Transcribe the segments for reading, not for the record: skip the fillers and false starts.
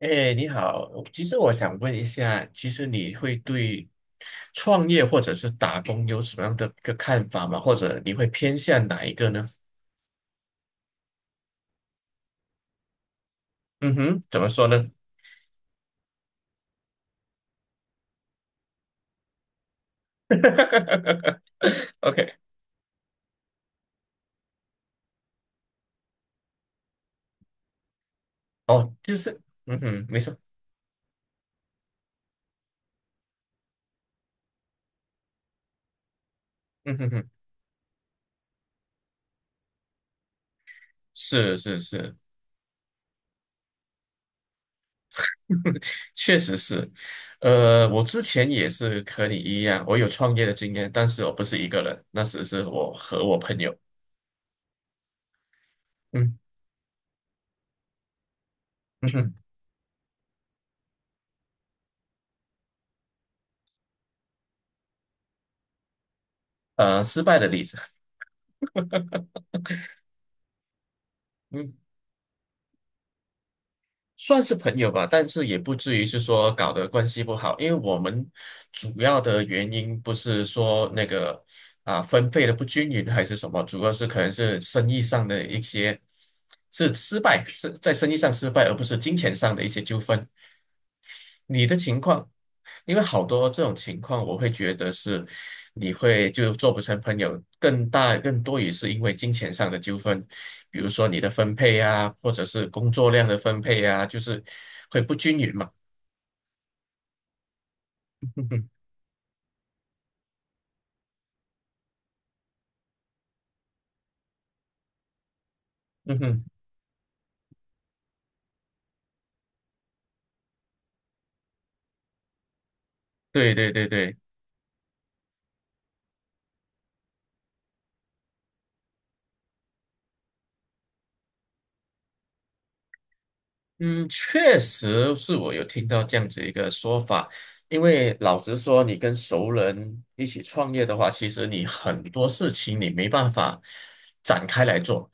哎，你好，其实我想问一下，其实你会对创业或者是打工有什么样的一个看法吗？或者你会偏向哪一个呢？嗯哼，怎么说呢 ？OK，哦，就是，嗯哼，没错，嗯哼哼，是是是，确实是，我之前也是和你一样，我有创业的经验，但是我不是一个人，那时是我和我朋友，嗯嗯哼，失败的例子，嗯。算是朋友吧，但是也不至于是说搞得关系不好，因为我们主要的原因不是说那个啊分配的不均匀还是什么，主要是可能是生意上的一些是失败，是在生意上失败，而不是金钱上的一些纠纷。你的情况，因为好多这种情况，我会觉得是。你会就做不成朋友，更大更多也是因为金钱上的纠纷，比如说你的分配啊，或者是工作量的分配啊，就是会不均匀嘛。嗯哼，嗯哼，对对对对。嗯，确实是我有听到这样子一个说法，因为老实说，你跟熟人一起创业的话，其实你很多事情你没办法展开来做。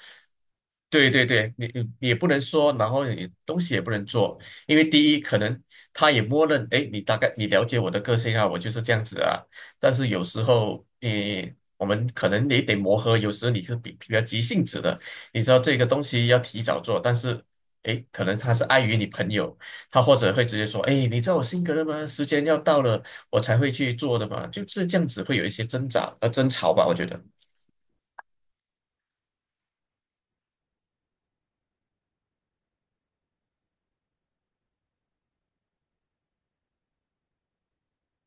对对对，你也不能说，然后你东西也不能做，因为第一，可能他也默认，哎，你大概你了解我的个性啊，我就是这样子啊。但是有时候，我们可能也得磨合，有时候你是比较急性子的，你知道这个东西要提早做，但是。诶，可能他是碍于你朋友，他或者会直接说，诶，你知道我性格的吗？时间要到了，我才会去做的嘛，就是这样子会有一些挣扎争吵吧，我觉得。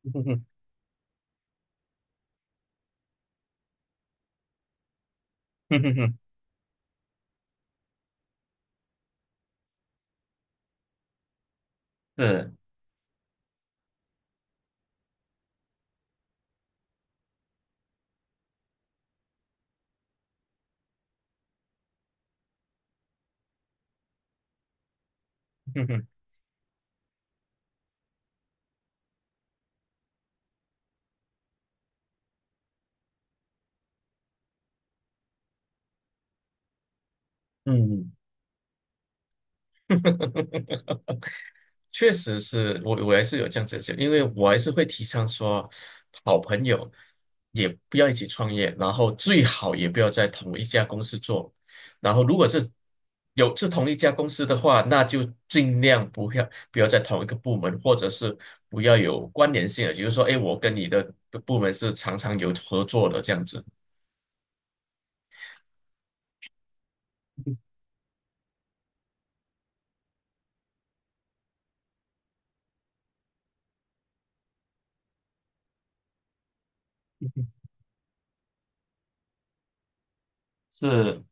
哼哼哼哼哼，是，哼哼，嗯。确实是我还是有这样子的想，因为我还是会提倡说，好朋友也不要一起创业，然后最好也不要在同一家公司做。然后，如果是同一家公司的话，那就尽量不要在同一个部门，或者是不要有关联性的，比如说，哎，我跟你的部门是常常有合作的这样子。是，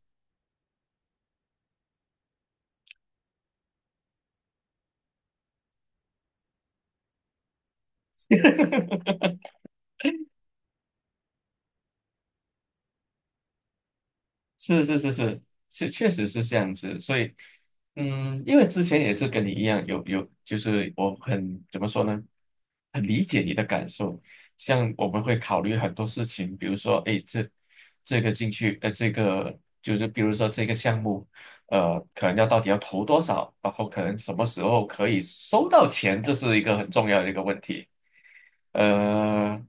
是是是是是，确实是这样子。所以，嗯，因为之前也是跟你一样，就是我很怎么说呢，很理解你的感受。像我们会考虑很多事情，比如说，哎，这个进去，这个就是比如说这个项目，可能要到底要投多少，然后可能什么时候可以收到钱，这是一个很重要的一个问题。呃，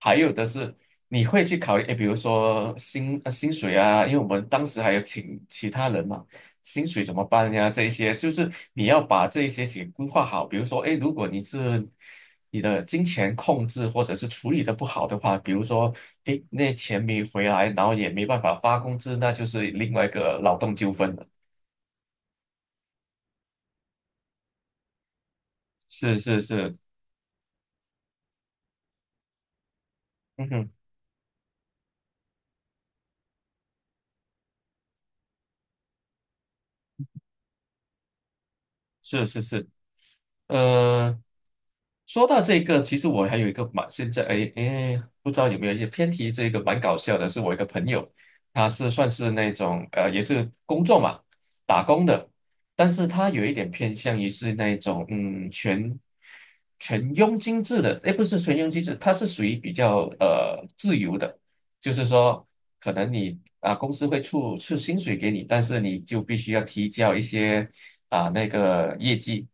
还有的是你会去考虑，诶，比如说薪水啊，因为我们当时还有请其他人嘛，薪水怎么办呀？这一些就是你要把这一些给规划好。比如说，诶，如果你的金钱控制或者是处理的不好的话，比如说，诶，那钱没回来，然后也没办法发工资，那就是另外一个劳动纠纷了。是是是，嗯哼，是是是。呃，说到这个，其实我还有一个蛮现在哎哎，不知道有没有一些偏题，这个蛮搞笑的，是我一个朋友，他是算是那种也是工作嘛，打工的，但是他有一点偏向于是那种全佣金制的，哎不是全佣金制，他是属于比较自由的，就是说可能你啊公司会出薪水给你，但是你就必须要提交一些啊那个业绩。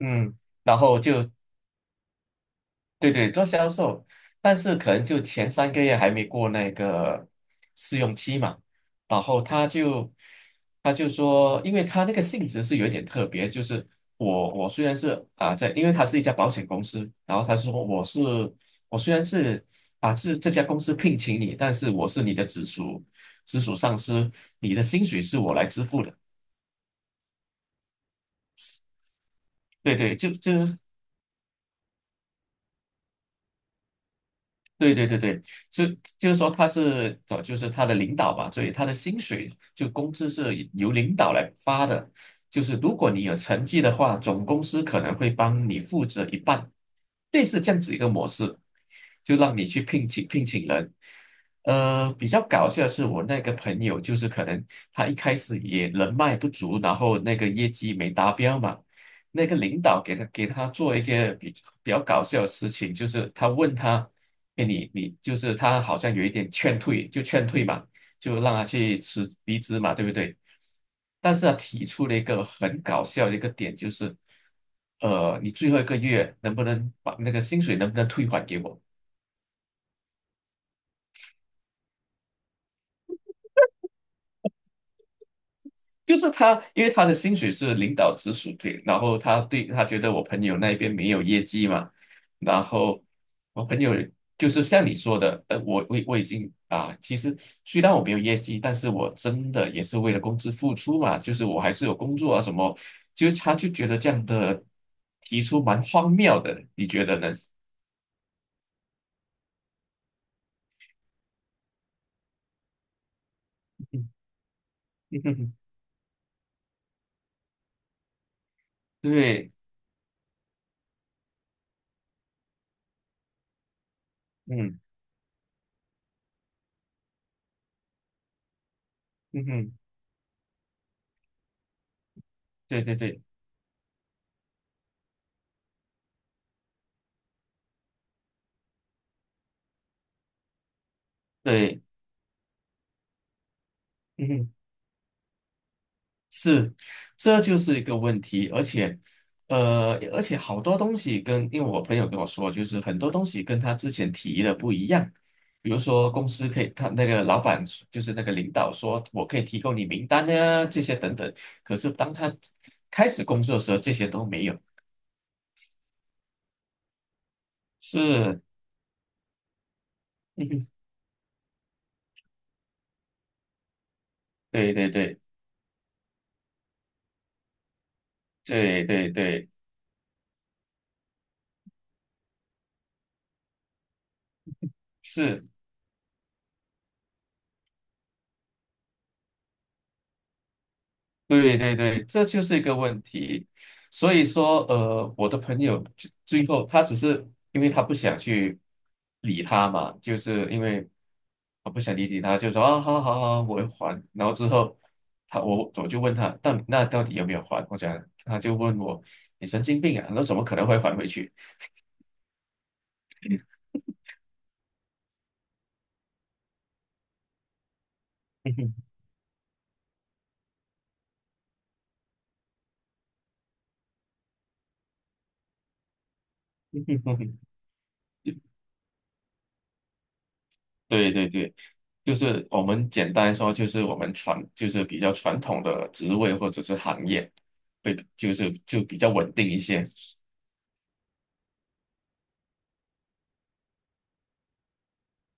嗯，然后就对对做销售，但是可能就前3个月还没过那个试用期嘛，然后他就说，因为他那个性质是有点特别，就是我虽然是啊在，因为他是一家保险公司，然后他说我虽然是这家公司聘请你，但是我是你的直属上司，你的薪水是我来支付的。对对，就对对对对，是就是说他是就是他的领导嘛，所以他的薪水就工资是由领导来发的。就是如果你有成绩的话，总公司可能会帮你负责一半，类似这样子一个模式，就让你去聘请人。比较搞笑的是我那个朋友，就是可能他一开始也人脉不足，然后那个业绩没达标嘛，那个领导给他做一个比较搞笑的事情，就是他问他。哎，你就是他好像有一点劝退，就劝退嘛，就让他去离职嘛，对不对？但是他提出了一个很搞笑的一个点，就是，你最后一个月能不能把那个薪水能不能退还给我？就是他，因为他的薪水是领导直属对，然后他觉得我朋友那边没有业绩嘛，然后我朋友就是像你说的，我已经啊，其实虽然我没有业绩，但是我真的也是为了公司付出嘛，就是我还是有工作啊什么，就是他就觉得这样的提出蛮荒谬的，你觉得呢？嗯嗯哼对，嗯嗯哼，对对对对，嗯哼。是，这就是一个问题，而且，好多东西跟，因为我朋友跟我说，就是很多东西跟他之前提的不一样。比如说，公司可以，他那个老板就是那个领导说，我可以提供你名单啊，这些等等。可是当他开始工作的时候，这些都没有。是，对对对对对对，是。对对对，这就是一个问题。所以说，我的朋友最后他只是因为他不想去理他嘛，就是因为我不想理他，就说啊，好好好，我会还。然后之后我就问他，到底有没有还？我讲他就问我，你神经病啊，那怎么可能会还回去？对对对，就是我们简单说，就是我们就是比较传统的职位或者是行业，会就是比较稳定一些。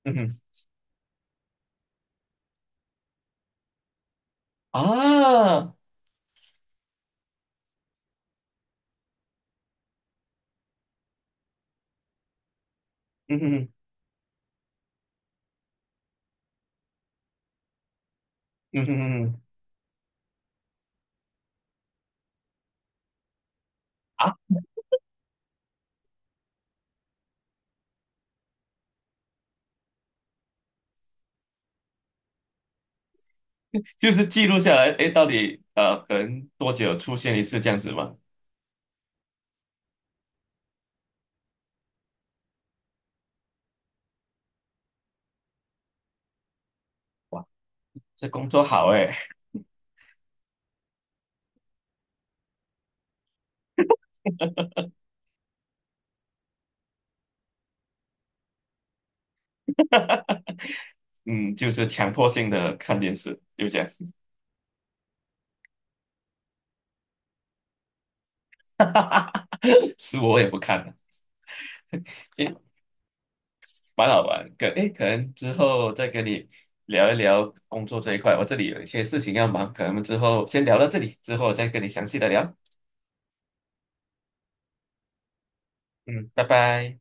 嗯哼啊，嗯哼嗯哼嗯哼啊，就是记录下来，哎，到底可能多久出现一次这样子吗？哇，这工作好哎。嗯，就是强迫性的看电视，就这样，是我也不看。蛮好玩。诶，可能之后再跟你聊一聊工作这一块，我这里有一些事情要忙，可能之后先聊到这里，之后再跟你详细的聊。嗯，拜拜。